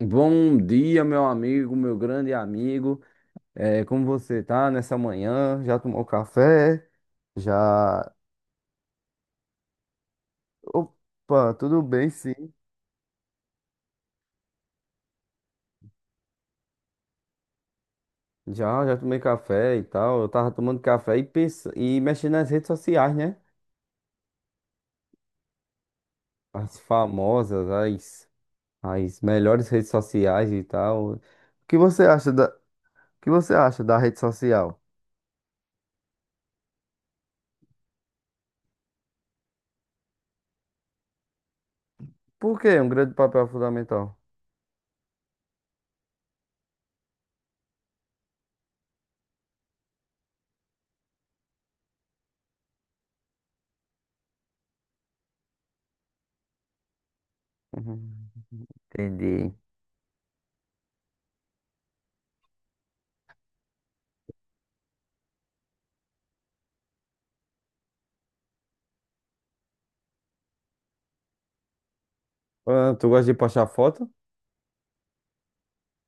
Bom dia, meu amigo, meu grande amigo. Como você tá nessa manhã? Já tomou café? Já. Opa, tudo bem, sim. Já, tomei café e tal. Eu tava tomando café e mexendo nas redes sociais, né? As famosas, as melhores redes sociais e tal. O que você acha da rede social? Por quê? Um grande papel fundamental. Uhum. Entendi. Ah, tu gosta de postar foto?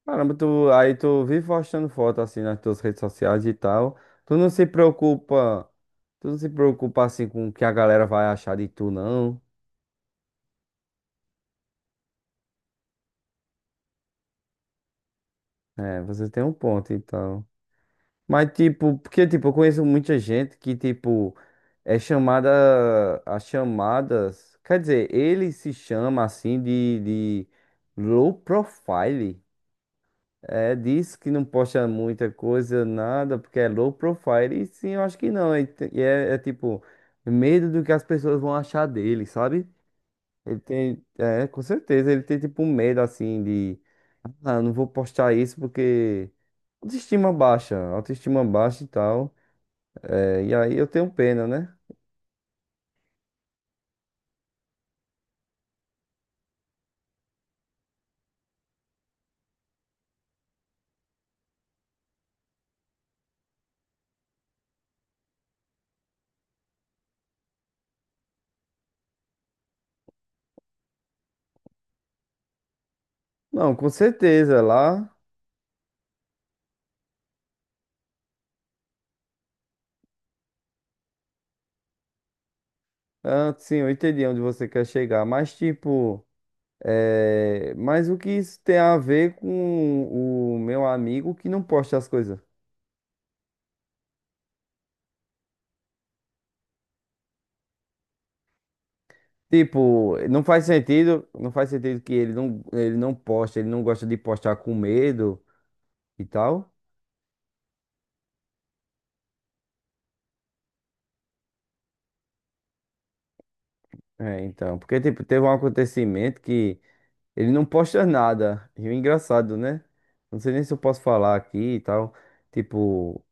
Caramba, tu, aí tu vive postando foto assim nas tuas redes sociais e tal. Tu não se preocupa, Tu não se preocupa assim com o que a galera vai achar de tu, não. É, você tem um ponto, então. Mas tipo, porque tipo, eu conheço muita gente que tipo é chamada as chamadas, quer dizer, ele se chama assim de low profile. É, diz que não posta muita coisa, nada, porque é low profile. E sim, eu acho que não. E é tipo, medo do que as pessoas vão achar dele, sabe? Ele tem, é, com certeza, ele tem tipo um medo assim de, ah, não vou postar isso porque autoestima baixa e tal. É, e aí eu tenho pena, né? Não, com certeza, lá, ah, sim, eu entendi onde você quer chegar, mas tipo. É, mas o que isso tem a ver com o meu amigo que não posta as coisas? Tipo, não faz sentido que ele não posta, ele não gosta de postar com medo e tal. É, então, porque tipo, teve um acontecimento que ele não posta nada. E o engraçado, né? Não sei nem se eu posso falar aqui e tal. Tipo,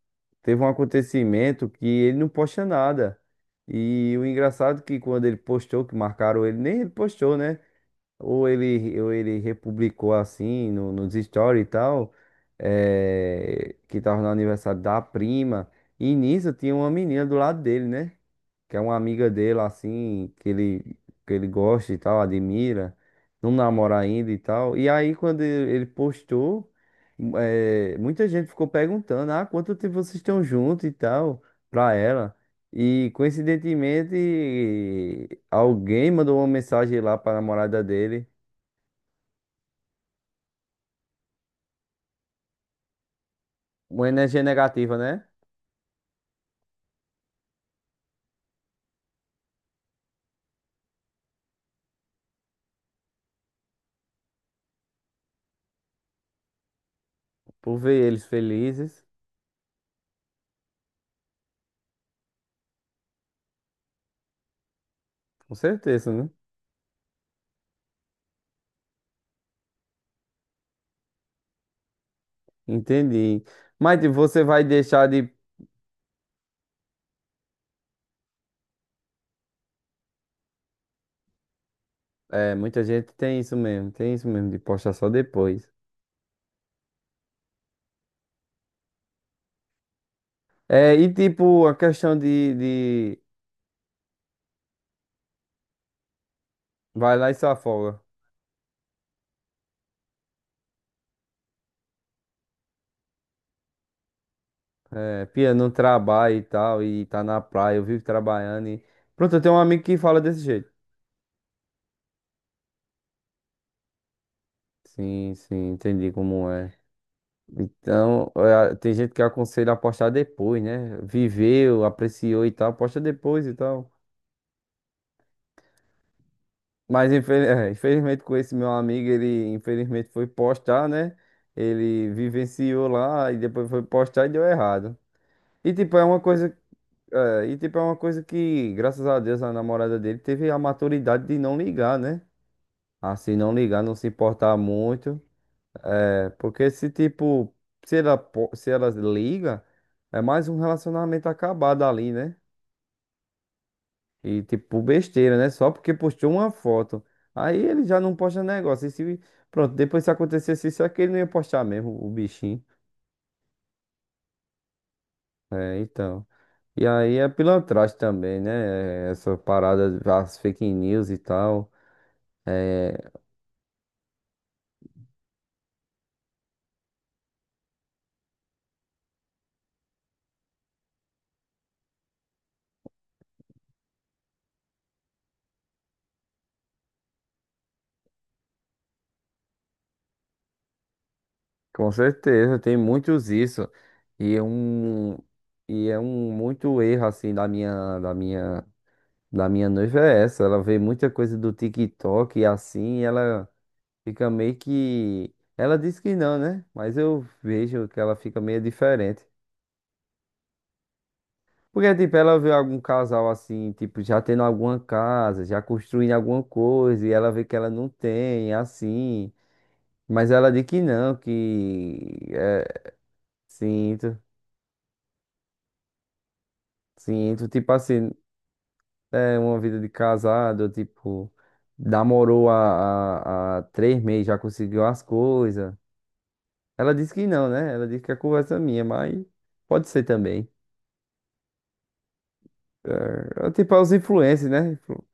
teve um acontecimento que ele não posta nada. E o engraçado é que quando ele postou, que marcaram ele, nem ele postou, né? Ou ele republicou assim no, nos stories e tal, que tava no aniversário da prima. E nisso tinha uma menina do lado dele, né? Que é uma amiga dele, assim, que ele gosta e tal, admira, não namora ainda e tal. E aí, quando ele postou, muita gente ficou perguntando: ah, quanto tempo vocês estão juntos e tal, pra ela. E coincidentemente, alguém mandou uma mensagem lá pra namorada dele. Uma energia negativa, né? Por ver eles felizes, com certeza, né? Entendi. Mas tipo, você vai deixar de. É, muita gente tem isso mesmo, de postar só depois. É, e tipo, a questão de... vai lá e se afoga. É, pia, não trabalha e tal, e tá na praia, eu vivo trabalhando e. Pronto, eu tenho um amigo que fala desse jeito. Sim, sim, entendi como é. Então, é, tem gente que aconselha a postar depois, né? Viveu, apreciou e tal, posta depois e tal. Mas infelizmente com esse meu amigo, ele infelizmente foi postar, né? Ele vivenciou lá e depois foi postar e deu errado. E tipo, é uma coisa, É, e tipo, é uma coisa que, graças a Deus, a namorada dele teve a maturidade de não ligar, né? Assim, não ligar, não se importar muito. É, porque se tipo, se ela liga, é mais um relacionamento acabado ali, né? E tipo, besteira, né? Só porque postou uma foto. Aí ele já não posta negócio. E se, Pronto, depois se acontecesse isso aqui, ele não ia postar mesmo, o bichinho. É, então. E aí é pilantragem também, né? É, essa parada, as fake news e tal. É, com certeza, tem muitos isso. E é um, e é um muito erro, assim, da minha noiva é essa. Ela vê muita coisa do TikTok e assim, e ela. Fica meio que. Ela disse que não, né? Mas eu vejo que ela fica meio diferente. Porque, tipo, ela vê algum casal assim, tipo, já tendo alguma casa, já construindo alguma coisa, e ela vê que ela não tem, assim. Mas ela diz que não, que. É, sinto, sinto. Tipo assim, é uma vida de casado, tipo, namorou há 3 meses, já conseguiu as coisas. Ela disse que não, né? Ela disse que é conversa minha, mas pode ser também. É, é tipo, aos influencers, né? Tipo,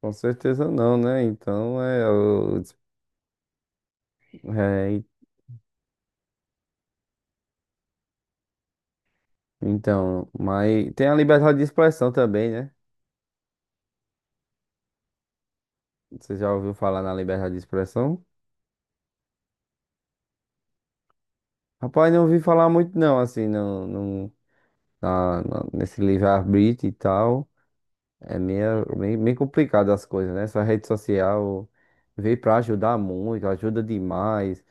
com certeza não, né? Então, é, o é, então, mas tem a liberdade de expressão também, né? Você já ouviu falar na liberdade de expressão? Rapaz, não ouvi falar muito não, assim, não, não, na- na- nesse livre-arbítrio e tal. É meio complicado as coisas, né? Essa rede social veio pra ajudar muito, ajuda demais.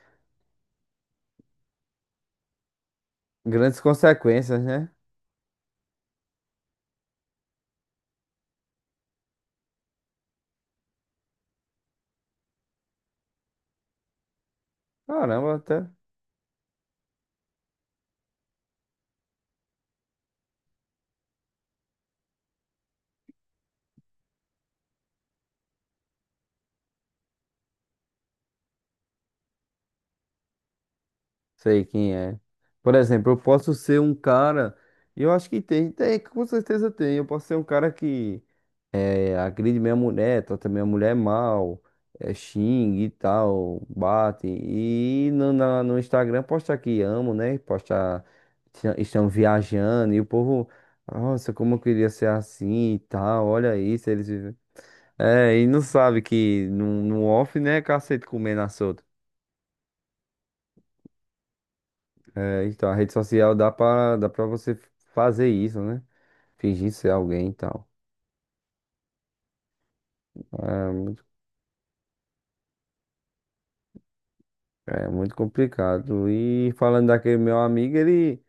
Grandes consequências, né? Caramba, até. Sei quem é. Por exemplo, eu posso ser um cara. Eu acho que com certeza tem. Eu posso ser um cara que é, agride minha mulher, trata minha mulher mal, é, xingue e tal, bate. No Instagram postar que amo, né? Postar estão viajando e o povo, nossa, como eu queria ser assim e tal. Olha isso, eles vivem. É, e não sabe que no off, né, cacete comendo a solta. É, então, a rede social dá pra você fazer isso, né? Fingir ser alguém e tal. É muito, É muito complicado. E falando daquele meu amigo,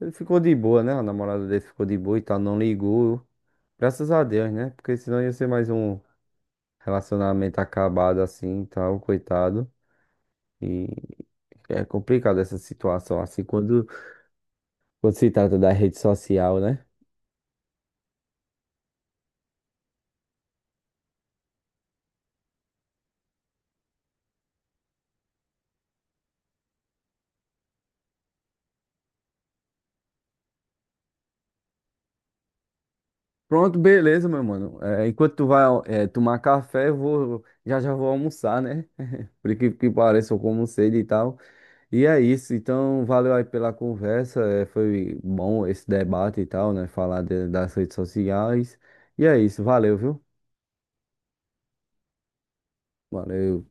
ele ficou de boa, né? A namorada dele ficou de boa e tal, não ligou. Graças a Deus, né? Porque senão ia ser mais um relacionamento acabado assim e tal, coitado. E é complicado essa situação, assim, quando, quando se trata da rede social, né? Pronto, beleza, meu mano. É, enquanto tu vai, é, tomar café, eu vou, já vou almoçar, né? Por incrível que pareça, eu como sede e tal. E é isso, então valeu aí pela conversa, foi bom esse debate e tal, né? Das redes sociais. E é isso, valeu, viu? Valeu.